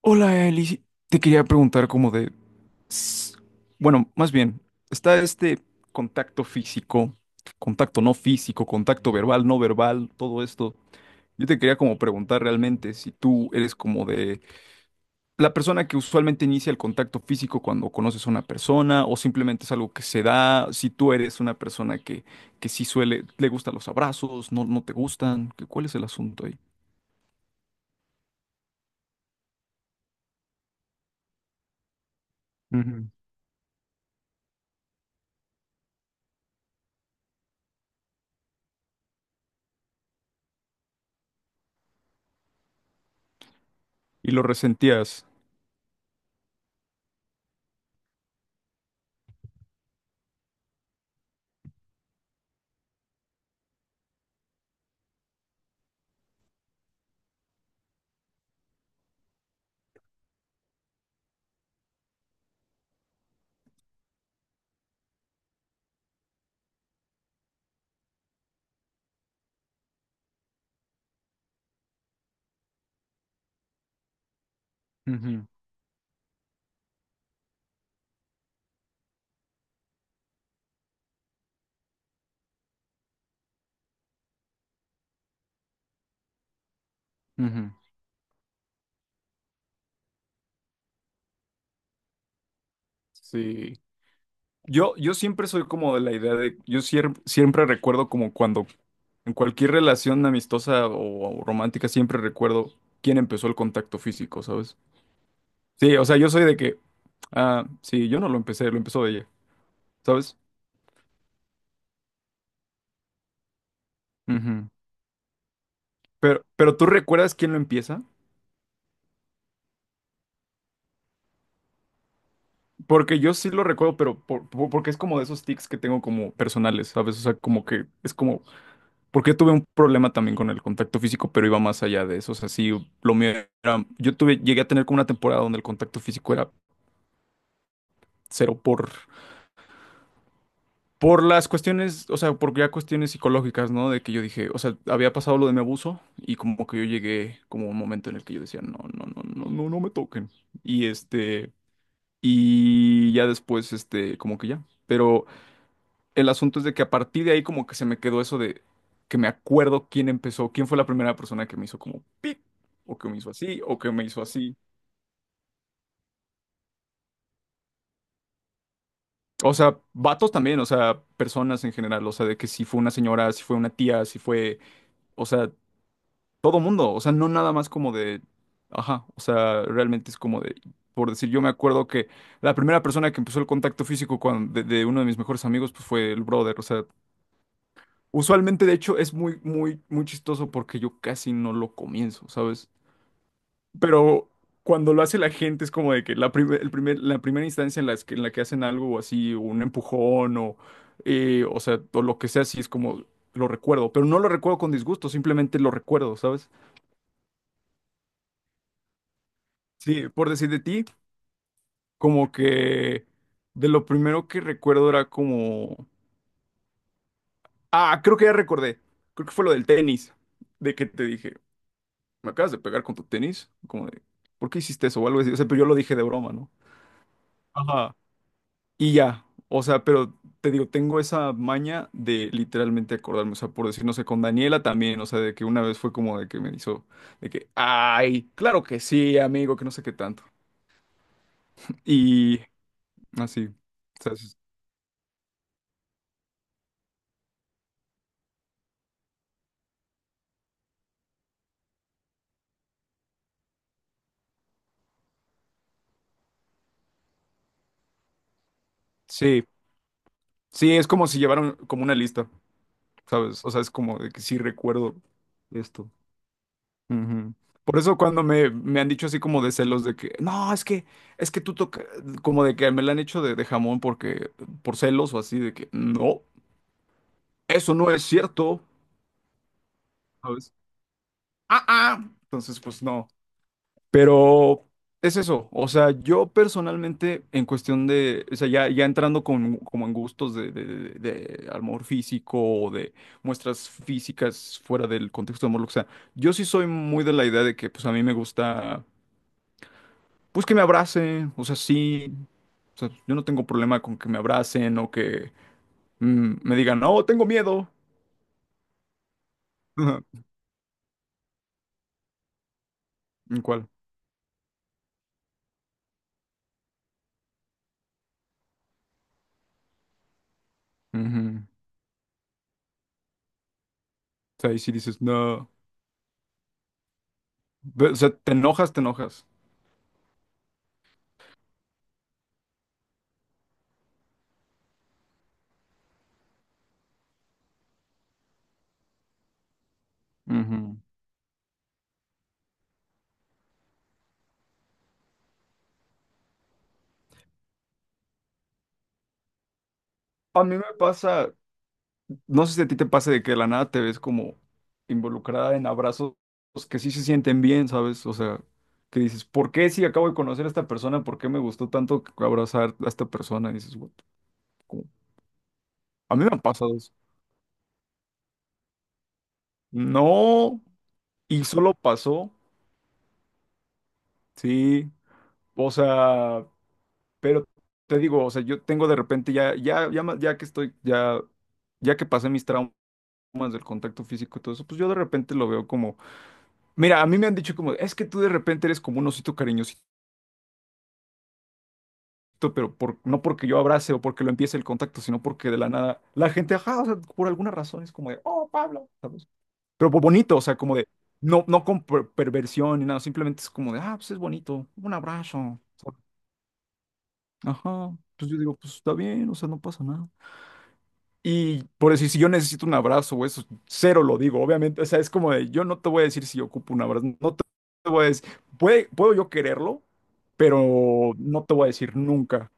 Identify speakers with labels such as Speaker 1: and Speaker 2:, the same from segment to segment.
Speaker 1: Hola, Eli. Te quería preguntar como de... s- Bueno, más bien, está contacto físico, contacto no físico, contacto verbal, no verbal, todo esto. Yo te quería como preguntar realmente si tú eres como de la persona que usualmente inicia el contacto físico cuando conoces a una persona o simplemente es algo que se da, si tú eres una persona que, sí suele, le gustan los abrazos, no, no te gustan, ¿cuál es el asunto ahí? Ujú. Y lo resentías. Ujú, ujú. Sí. Yo siempre soy como de la idea de, siempre recuerdo como cuando en cualquier relación amistosa o romántica siempre recuerdo quién empezó el contacto físico, ¿sabes? Sí, o sea, yo soy de que, ah, sí, yo no lo empecé, lo empezó ella, ¿sabes? Ujú. Pero ¿tú recuerdas quién lo empieza? Porque yo sí lo recuerdo, pero porque es como de esos tics que tengo como personales, ¿sabes? O sea, como que es como... Porque tuve un problema también con el contacto físico, pero iba más allá de eso. O sea, sí, lo mío era... Yo tuve, llegué a tener como una temporada donde el contacto físico era cero por las cuestiones, o sea, por ya cuestiones psicológicas, ¿no? De que yo dije, o sea, había pasado lo de mi abuso y como que yo llegué como a un momento en el que yo decía, no, no, no, no, no, no me toquen. Y este, y ya después, este, como que ya. Pero... El asunto es de que a partir de ahí como que se me quedó eso de que me acuerdo quién empezó, quién fue la primera persona que me hizo como pip, o que me hizo así, o que me hizo así. O sea, vatos también, o sea, personas en general, o sea, de que si fue una señora, si fue una tía, si fue, o sea, todo mundo, o sea, no nada más como de, ajá, o sea, realmente es como de, por decir, yo me acuerdo que la primera persona que empezó el contacto físico con, de uno de mis mejores amigos, pues fue el brother, o sea... Usualmente, de hecho, es muy, muy, muy chistoso porque yo casi no lo comienzo, ¿sabes? Pero cuando lo hace la gente es como de que la, la primera instancia en, las que, en la que hacen algo así, un empujón o sea, o lo que sea, sí es como lo recuerdo, pero no lo recuerdo con disgusto, simplemente lo recuerdo, ¿sabes? Sí, por decir de ti, como que de lo primero que recuerdo era como... Ah, creo que ya recordé, creo que fue lo del tenis, de que te dije... me acabas de pegar con tu tenis, como de, ¿por qué hiciste eso? O algo así, o sea, pero yo lo dije de broma, ¿no? Ajá. Y ya, o sea, pero te digo, tengo esa maña de literalmente acordarme, o sea, por decir, no sé, con Daniela también, o sea, de que una vez fue como de que me hizo, de que, ay, claro que sí, amigo, que no sé qué tanto. Y así, o sea, sí, sí, es como si llevaran como una lista, ¿sabes? O sea, es como de que sí recuerdo esto. Ujú. Por eso cuando me han dicho así como de celos de que, no, es que tú tocas como de que me la han hecho de jamón porque, por celos o así, de que, no, eso no es cierto, ¿sabes? Ah, ah. Entonces, pues no. Pero es eso, o sea, yo personalmente en cuestión de, o sea, ya, ya entrando con, como en gustos de, de amor físico o de muestras físicas fuera del contexto de amor, o sea, yo sí soy muy de la idea de que, pues a mí me gusta... Pues que me abracen, o sea, sí. O sea, yo no tengo problema con que me abracen o que me digan, no, tengo miedo. ¿En cuál? Ujú. O sea, ahí sí dices, no. O sea, te enojas, te enojas. Ujú. A mí me pasa, no sé si a ti te pasa de que de la nada te ves como involucrada en abrazos que sí se sienten bien, ¿sabes? O sea, que dices, ¿por qué si acabo de conocer a esta persona? ¿Por qué me gustó tanto abrazar a esta persona? Y dices, "What the-" como- a mí me han pasado eso. No. Y solo pasó, sí, o sea, pero te digo, o sea, yo tengo de repente ya que estoy, ya, ya que pasé mis traumas del contacto físico y todo eso, pues yo de repente lo veo como, mira, a mí me han dicho como, es que tú de repente eres como un osito cariñosito, pero por, no porque yo abrace o porque lo empiece el contacto, sino porque de la nada, la gente, ajá, o sea, por alguna razón es como de, oh, Pablo, ¿sabes? Pero bonito, o sea, como de, no, no con perversión ni nada, simplemente es como de, ah, pues es bonito, un abrazo. Ajá, pues yo digo, pues está bien, o sea, no pasa nada. Y por decir, si yo necesito un abrazo o eso, cero lo digo, obviamente, o sea, es como de, yo no te voy a decir si yo ocupo un abrazo, no te te voy a decir, puede, puedo yo quererlo, pero no te voy a decir nunca,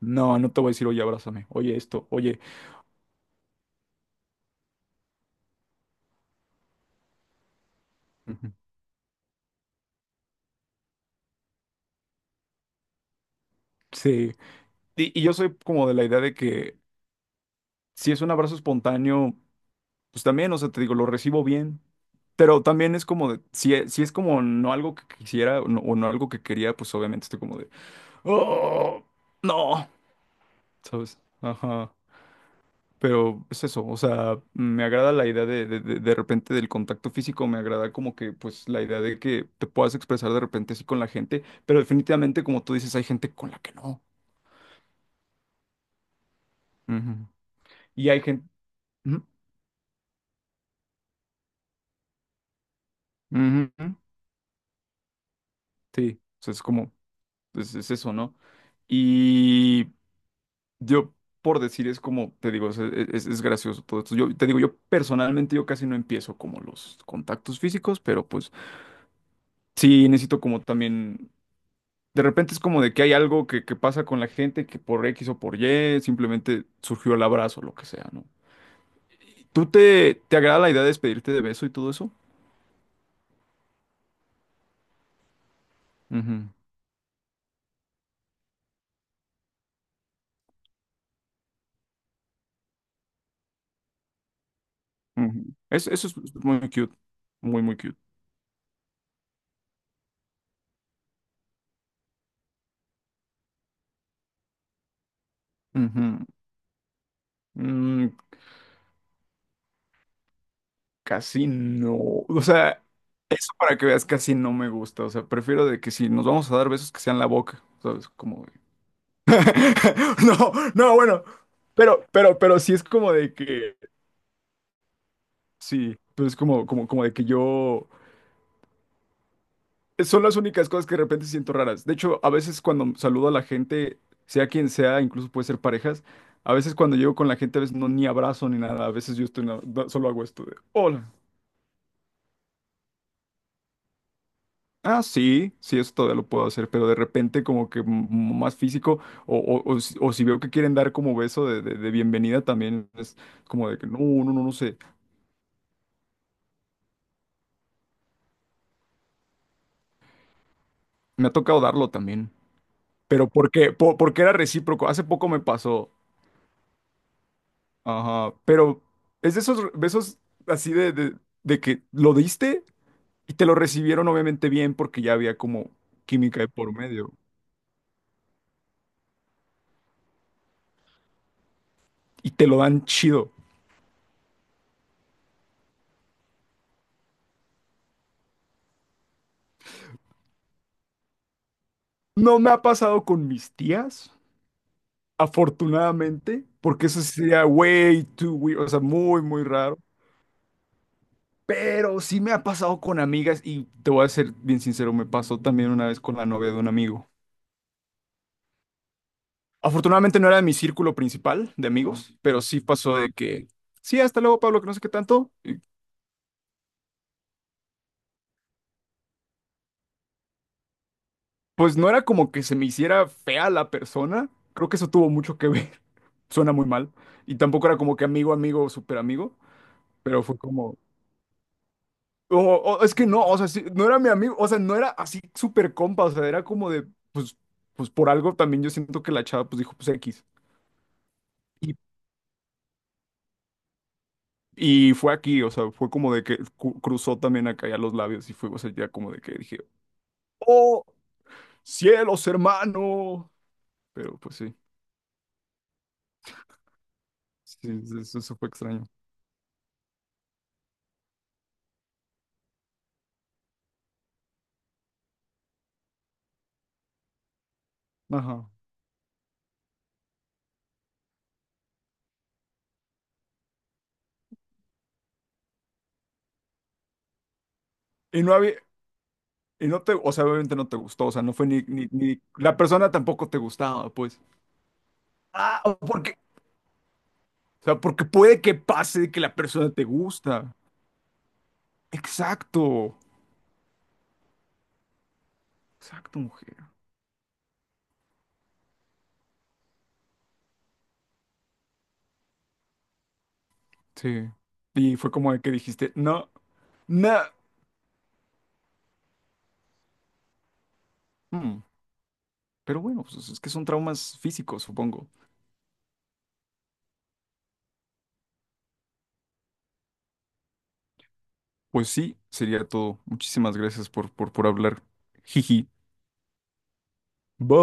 Speaker 1: no, no te voy a decir, oye, abrázame, oye esto, oye... Ujú. Sí. Y yo soy como de la idea de que si es un abrazo espontáneo, pues también, o sea, te digo, lo recibo bien. Pero también es como de, si, si es como no algo que quisiera o no algo que quería, pues obviamente estoy como de, oh, no, ¿sabes? Ajá. Pero es eso, o sea, me agrada la idea de repente del contacto físico, me agrada como que, pues, la idea de que te puedas expresar de repente así con la gente, pero definitivamente, como tú dices, hay gente con la que no. Ujú. Y hay gente... Sí, o sea, es como, es- eso, ¿no? Y yo, por decir, es como, te digo, es, es gracioso todo esto. Yo te digo, yo personalmente, yo casi no empiezo como los contactos físicos, pero pues... Sí, necesito como también, de repente es como de que hay algo que pasa con la gente que por X o por Y simplemente surgió el abrazo, lo que sea, ¿no? ¿Tú te agrada la idea de despedirte de beso y todo eso? Ujú, ujú. Eso es muy cute, muy, muy cute. Ujú. Mm, casi no, o sea, eso para que veas casi no me gusta, o sea, prefiero de que si nos vamos a dar besos que sean la boca, ¿sabes? Como de... No, no, bueno, pero sí es como de que... Sí, pero es como, como, como de que yo... Eh, son las únicas cosas que de repente siento raras. De hecho, a veces cuando saludo a la gente, sea quien sea, incluso puede ser parejas, a veces cuando llego con la gente, a veces no ni abrazo ni nada. A veces yo estoy, solo hago esto de, hola. Ah, sí, sí, eso todavía lo puedo hacer, pero de repente como que más físico o, o si veo que quieren dar como beso de, de bienvenida también es como de que no, no, no, no sé. Me ha tocado darlo también. Pero porque, porque era recíproco. Hace poco me pasó. Ajá, pero es de esos besos así de que lo diste y te lo recibieron obviamente bien porque ya había como química de por medio y te lo dan chido. No me ha pasado con mis tías, afortunadamente, porque eso sí sería way too weird, o sea, muy, muy raro. Pero sí me ha pasado con amigas y te voy a ser bien sincero, me pasó también una vez con la novia de un amigo. Afortunadamente no era de mi círculo principal de amigos, pero sí pasó de que, sí, hasta luego, Pablo, que no sé qué tanto. Pues no era como que se me hiciera fea la persona. Creo que eso tuvo mucho que ver. Suena muy mal. Y tampoco era como que amigo, amigo, súper amigo. Pero fue como... o- es que no, o sea, sí, no era mi amigo. O sea, no era así súper compa. O sea, era como de. Pues, pues por algo también yo siento que la chava pues dijo, pues X. Y, y fue aquí, o sea, fue como de que cruzó también acá ya los labios. Y fue, o sea, ya como de que dije, ¡oh! ¡Cielos, hermano! Pero pues sí. Sí, eso fue extraño. Ajá. Y no había, y no te, o sea, obviamente no te gustó, o sea, no fue la persona tampoco te gustaba, pues. Ah, o porque, o sea, porque puede que pase que la persona te gusta. Exacto, exacto, mujer. Sí. Y fue como de que dijiste, no, no. Mm, pero bueno, pues es que son traumas físicos, supongo. Pues sí, sería todo. Muchísimas gracias por hablar. Jiji. Bye.